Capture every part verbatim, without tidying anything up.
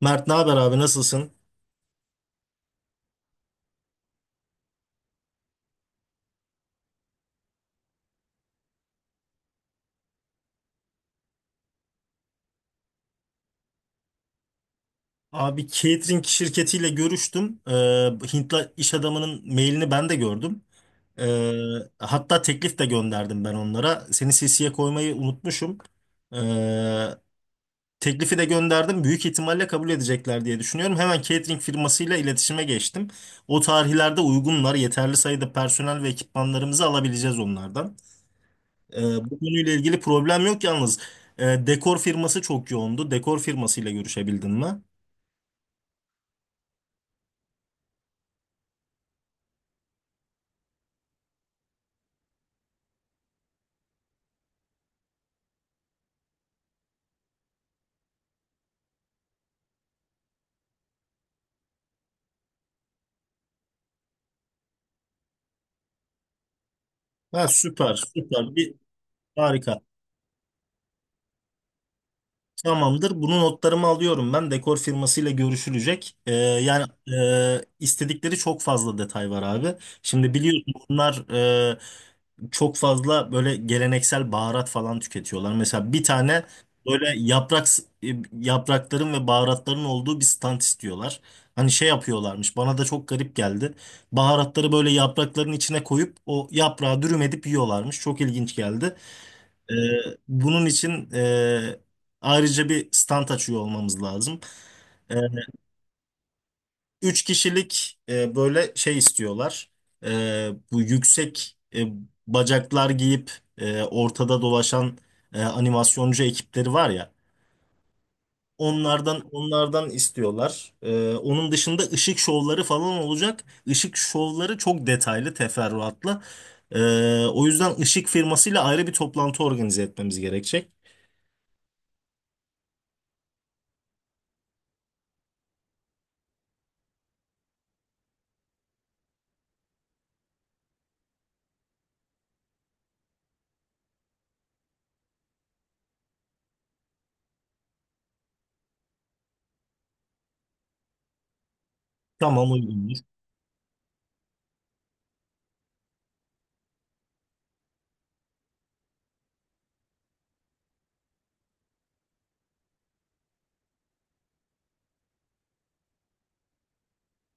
Mert ne haber abi nasılsın? Abi catering şirketiyle görüştüm. Ee, Hintli iş adamının mailini ben de gördüm. Ee, hatta teklif de gönderdim ben onlara. Seni C C'ye koymayı unutmuşum. Ee, teklifi de gönderdim. Büyük ihtimalle kabul edecekler diye düşünüyorum. Hemen catering firmasıyla iletişime geçtim. O tarihlerde uygunlar. Yeterli sayıda personel ve ekipmanlarımızı alabileceğiz onlardan. Ee, bu konuyla ilgili problem yok yalnız. Ee, dekor firması çok yoğundu. Dekor firmasıyla görüşebildin mi? Ha, süper süper bir harika. Tamamdır. Bunu notlarımı alıyorum ben. Dekor firmasıyla görüşülecek. Ee, yani e, istedikleri çok fazla detay var abi. Şimdi biliyorsun bunlar e, çok fazla böyle geleneksel baharat falan tüketiyorlar. Mesela bir tane böyle yaprak yaprakların ve baharatların olduğu bir stand istiyorlar. Hani şey yapıyorlarmış. Bana da çok garip geldi. Baharatları böyle yaprakların içine koyup o yaprağı dürüm edip yiyorlarmış. Çok ilginç geldi. Ee, bunun için e, ayrıca bir stand açıyor olmamız lazım. Ee, üç kişilik e, böyle şey istiyorlar. Ee, bu yüksek e, bacaklar giyip e, ortada dolaşan e, animasyoncu ekipleri var ya. Onlardan onlardan istiyorlar. Ee, onun dışında ışık şovları falan olacak. Işık şovları çok detaylı teferruatlı. Ee, o yüzden ışık firmasıyla ayrı bir toplantı organize etmemiz gerekecek. Tamam uygundur.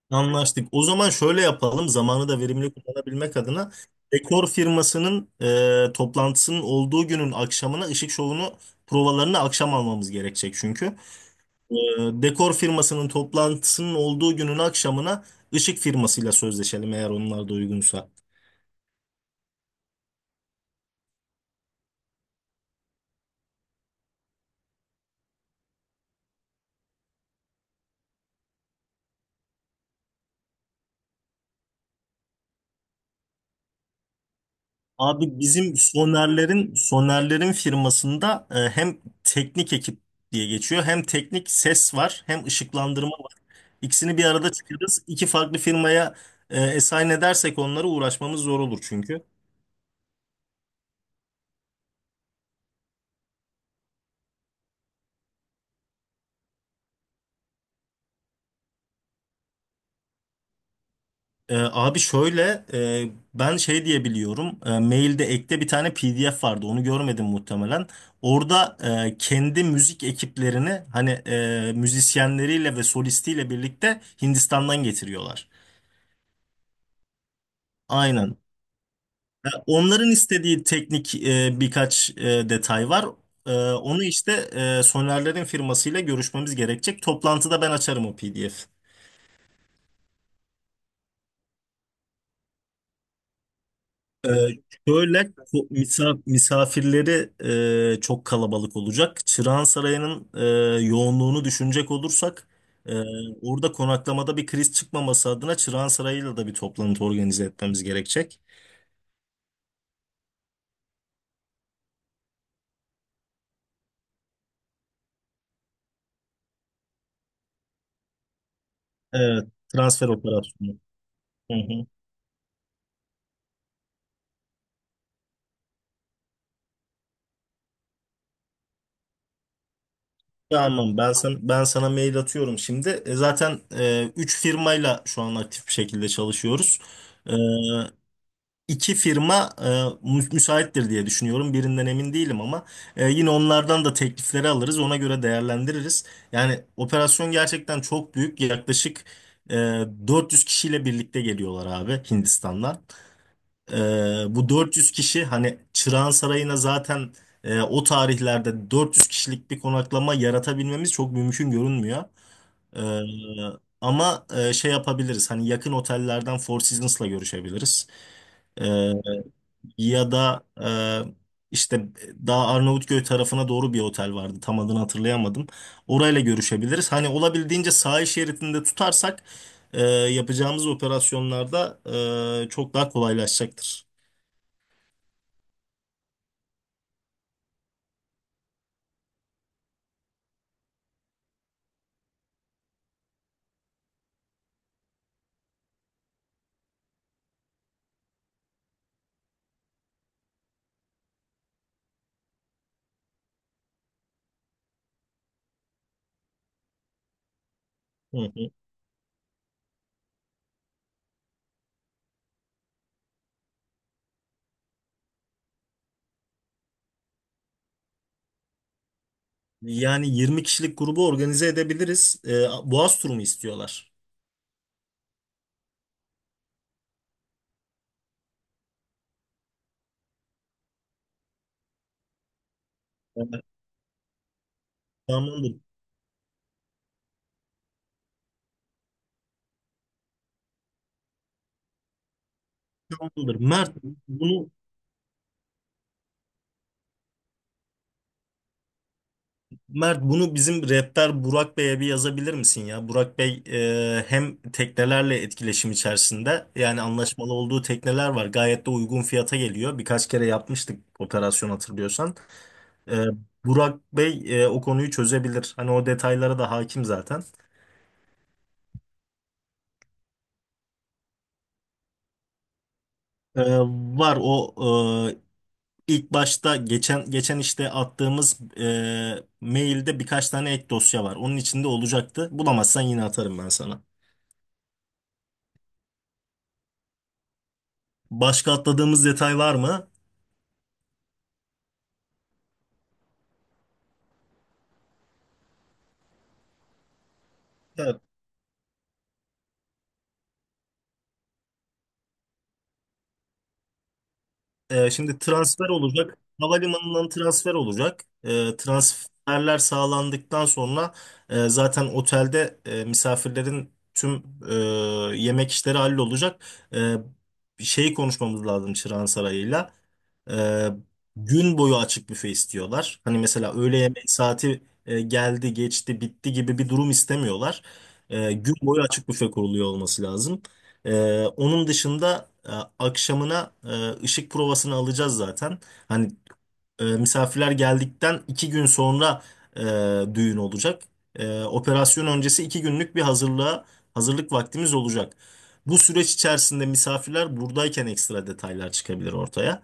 Anlaştık. O zaman şöyle yapalım. Zamanı da verimli kullanabilmek adına dekor firmasının e, toplantısının olduğu günün akşamına ışık şovunu provalarını akşam almamız gerekecek çünkü. E, dekor firmasının toplantısının olduğu günün akşamına ışık firmasıyla sözleşelim eğer onlar da uygunsa. Abi bizim Soner'lerin Soner'lerin firmasında e, hem teknik ekip diye geçiyor hem teknik ses var hem ışıklandırma var. İkisini bir arada çıkarız. İki farklı firmaya e, assign edersek onlara uğraşmamız zor olur çünkü. E, abi şöyle e, ben şey diye biliyorum. E, mailde ekte bir tane P D F vardı. Onu görmedim muhtemelen. Orada e, kendi müzik ekiplerini hani e, müzisyenleriyle ve solistiyle birlikte Hindistan'dan getiriyorlar. Aynen. Onların istediği teknik e, birkaç e, detay var. E, onu işte e, Soner'lerin firmasıyla görüşmemiz gerekecek. Toplantıda ben açarım o P D F. E, şöyle ko- misa- misafirleri e, çok kalabalık olacak. Çırağan Sarayı'nın e, yoğunluğunu düşünecek olursak e, orada konaklamada bir kriz çıkmaması adına Çırağan Sarayı'yla da bir toplantı organize etmemiz gerekecek. Evet, transfer operasyonu. Hı hı. Tamam ben sana, ben sana mail atıyorum şimdi. E, zaten e, üç firmayla şu an aktif bir şekilde çalışıyoruz. E, iki firma e, mü- müsaittir diye düşünüyorum. Birinden emin değilim ama e, yine onlardan da teklifleri alırız. Ona göre değerlendiririz. Yani operasyon gerçekten çok büyük. Yaklaşık e, dört yüz kişiyle birlikte geliyorlar abi Hindistan'dan. Ee, bu dört yüz kişi hani Çırağan Sarayı'na zaten e, o tarihlerde dört yüz kişilik bir konaklama yaratabilmemiz çok mümkün görünmüyor. Ee, ama e, şey yapabiliriz hani yakın otellerden Four Seasons'la görüşebiliriz. Ee, ya da e, işte daha Arnavutköy tarafına doğru bir otel vardı tam adını hatırlayamadım. Orayla görüşebiliriz. Hani olabildiğince sahil şeridinde tutarsak e, yapacağımız operasyonlarda e, çok daha kolaylaşacaktır. Hı. Yani yirmi kişilik grubu organize edebiliriz. Ee, Boğaz turu mu istiyorlar? Evet. Tamamdır. Tamamdır. Mert bunu Mert bunu bizim rehber Burak Bey'e bir yazabilir misin ya? Burak Bey e, hem teknelerle etkileşim içerisinde yani anlaşmalı olduğu tekneler var. Gayet de uygun fiyata geliyor. Birkaç kere yapmıştık operasyon hatırlıyorsan. Ee, Burak Bey e, o konuyu çözebilir. Hani o detaylara da hakim zaten. Ee, var o e, İlk başta geçen geçen işte attığımız e, mailde birkaç tane ek dosya var. Onun içinde olacaktı. Bulamazsan yine atarım ben sana. Başka atladığımız detay var mı? Evet. E, şimdi transfer olacak. Havalimanından transfer olacak. E, transferler sağlandıktan sonra e, zaten otelde e, misafirlerin tüm e, yemek işleri hallolacak. E, şeyi konuşmamız lazım Çırağan Sarayı'yla. Ee, gün boyu açık büfe istiyorlar. Hani mesela öğle yemeği saati e, geldi, geçti, bitti gibi bir durum istemiyorlar. Ee, gün boyu açık büfe kuruluyor olması lazım. Ee, onun dışında e, akşamına e, ışık provasını alacağız zaten. Hani e, misafirler geldikten iki gün sonra e, düğün olacak. E, operasyon öncesi iki günlük bir hazırlığa hazırlık vaktimiz olacak. Bu süreç içerisinde misafirler buradayken ekstra detaylar çıkabilir ortaya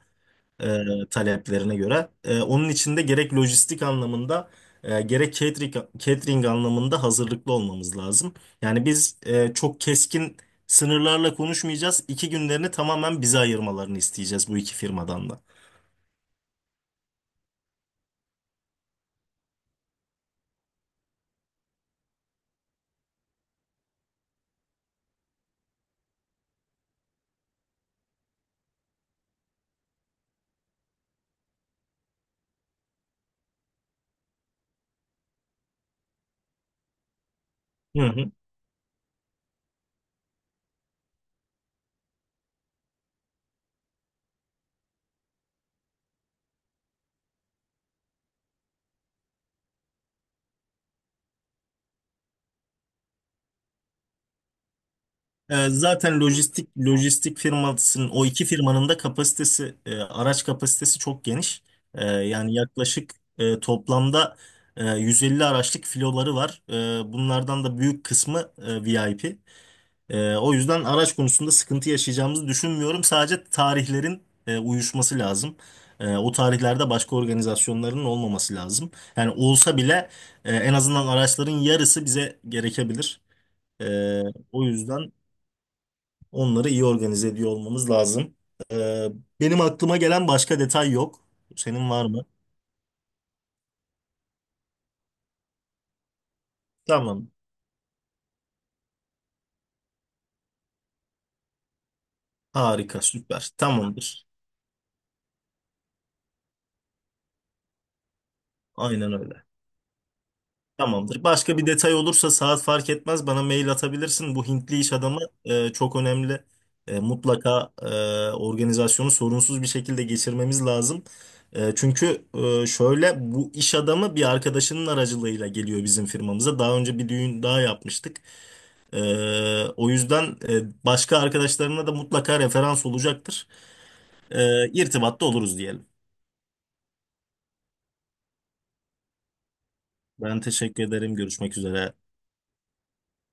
e, taleplerine göre. E, onun için de gerek lojistik anlamında e, gerek catering, catering anlamında hazırlıklı olmamız lazım. Yani biz e, çok keskin sınırlarla konuşmayacağız. iki günlerini tamamen bize ayırmalarını isteyeceğiz bu iki firmadan da. Hı hı. E, zaten lojistik lojistik firmasının o iki firmanın da kapasitesi e, araç kapasitesi çok geniş. E, yani yaklaşık e, toplamda e, yüz elli araçlık filoları var. E, bunlardan da büyük kısmı e, V I P. Ee, o yüzden araç konusunda sıkıntı yaşayacağımızı düşünmüyorum. Sadece tarihlerin e, uyuşması lazım. E, o tarihlerde başka organizasyonların olmaması lazım. Yani olsa bile e, en azından araçların yarısı bize gerekebilir. E, o yüzden onları iyi organize ediyor olmamız lazım. E, benim aklıma gelen başka detay yok. Senin var mı? Tamam. Harika, süper. Tamamdır. Aynen öyle. Tamamdır. Başka bir detay olursa saat fark etmez bana mail atabilirsin. Bu Hintli iş adamı e, çok önemli. E, mutlaka e, organizasyonu sorunsuz bir şekilde geçirmemiz lazım. E, çünkü e, şöyle bu iş adamı bir arkadaşının aracılığıyla geliyor bizim firmamıza. Daha önce bir düğün daha yapmıştık. E, o yüzden e, başka arkadaşlarına da mutlaka referans olacaktır. E, irtibatta oluruz diyelim. Ben teşekkür ederim. Görüşmek üzere.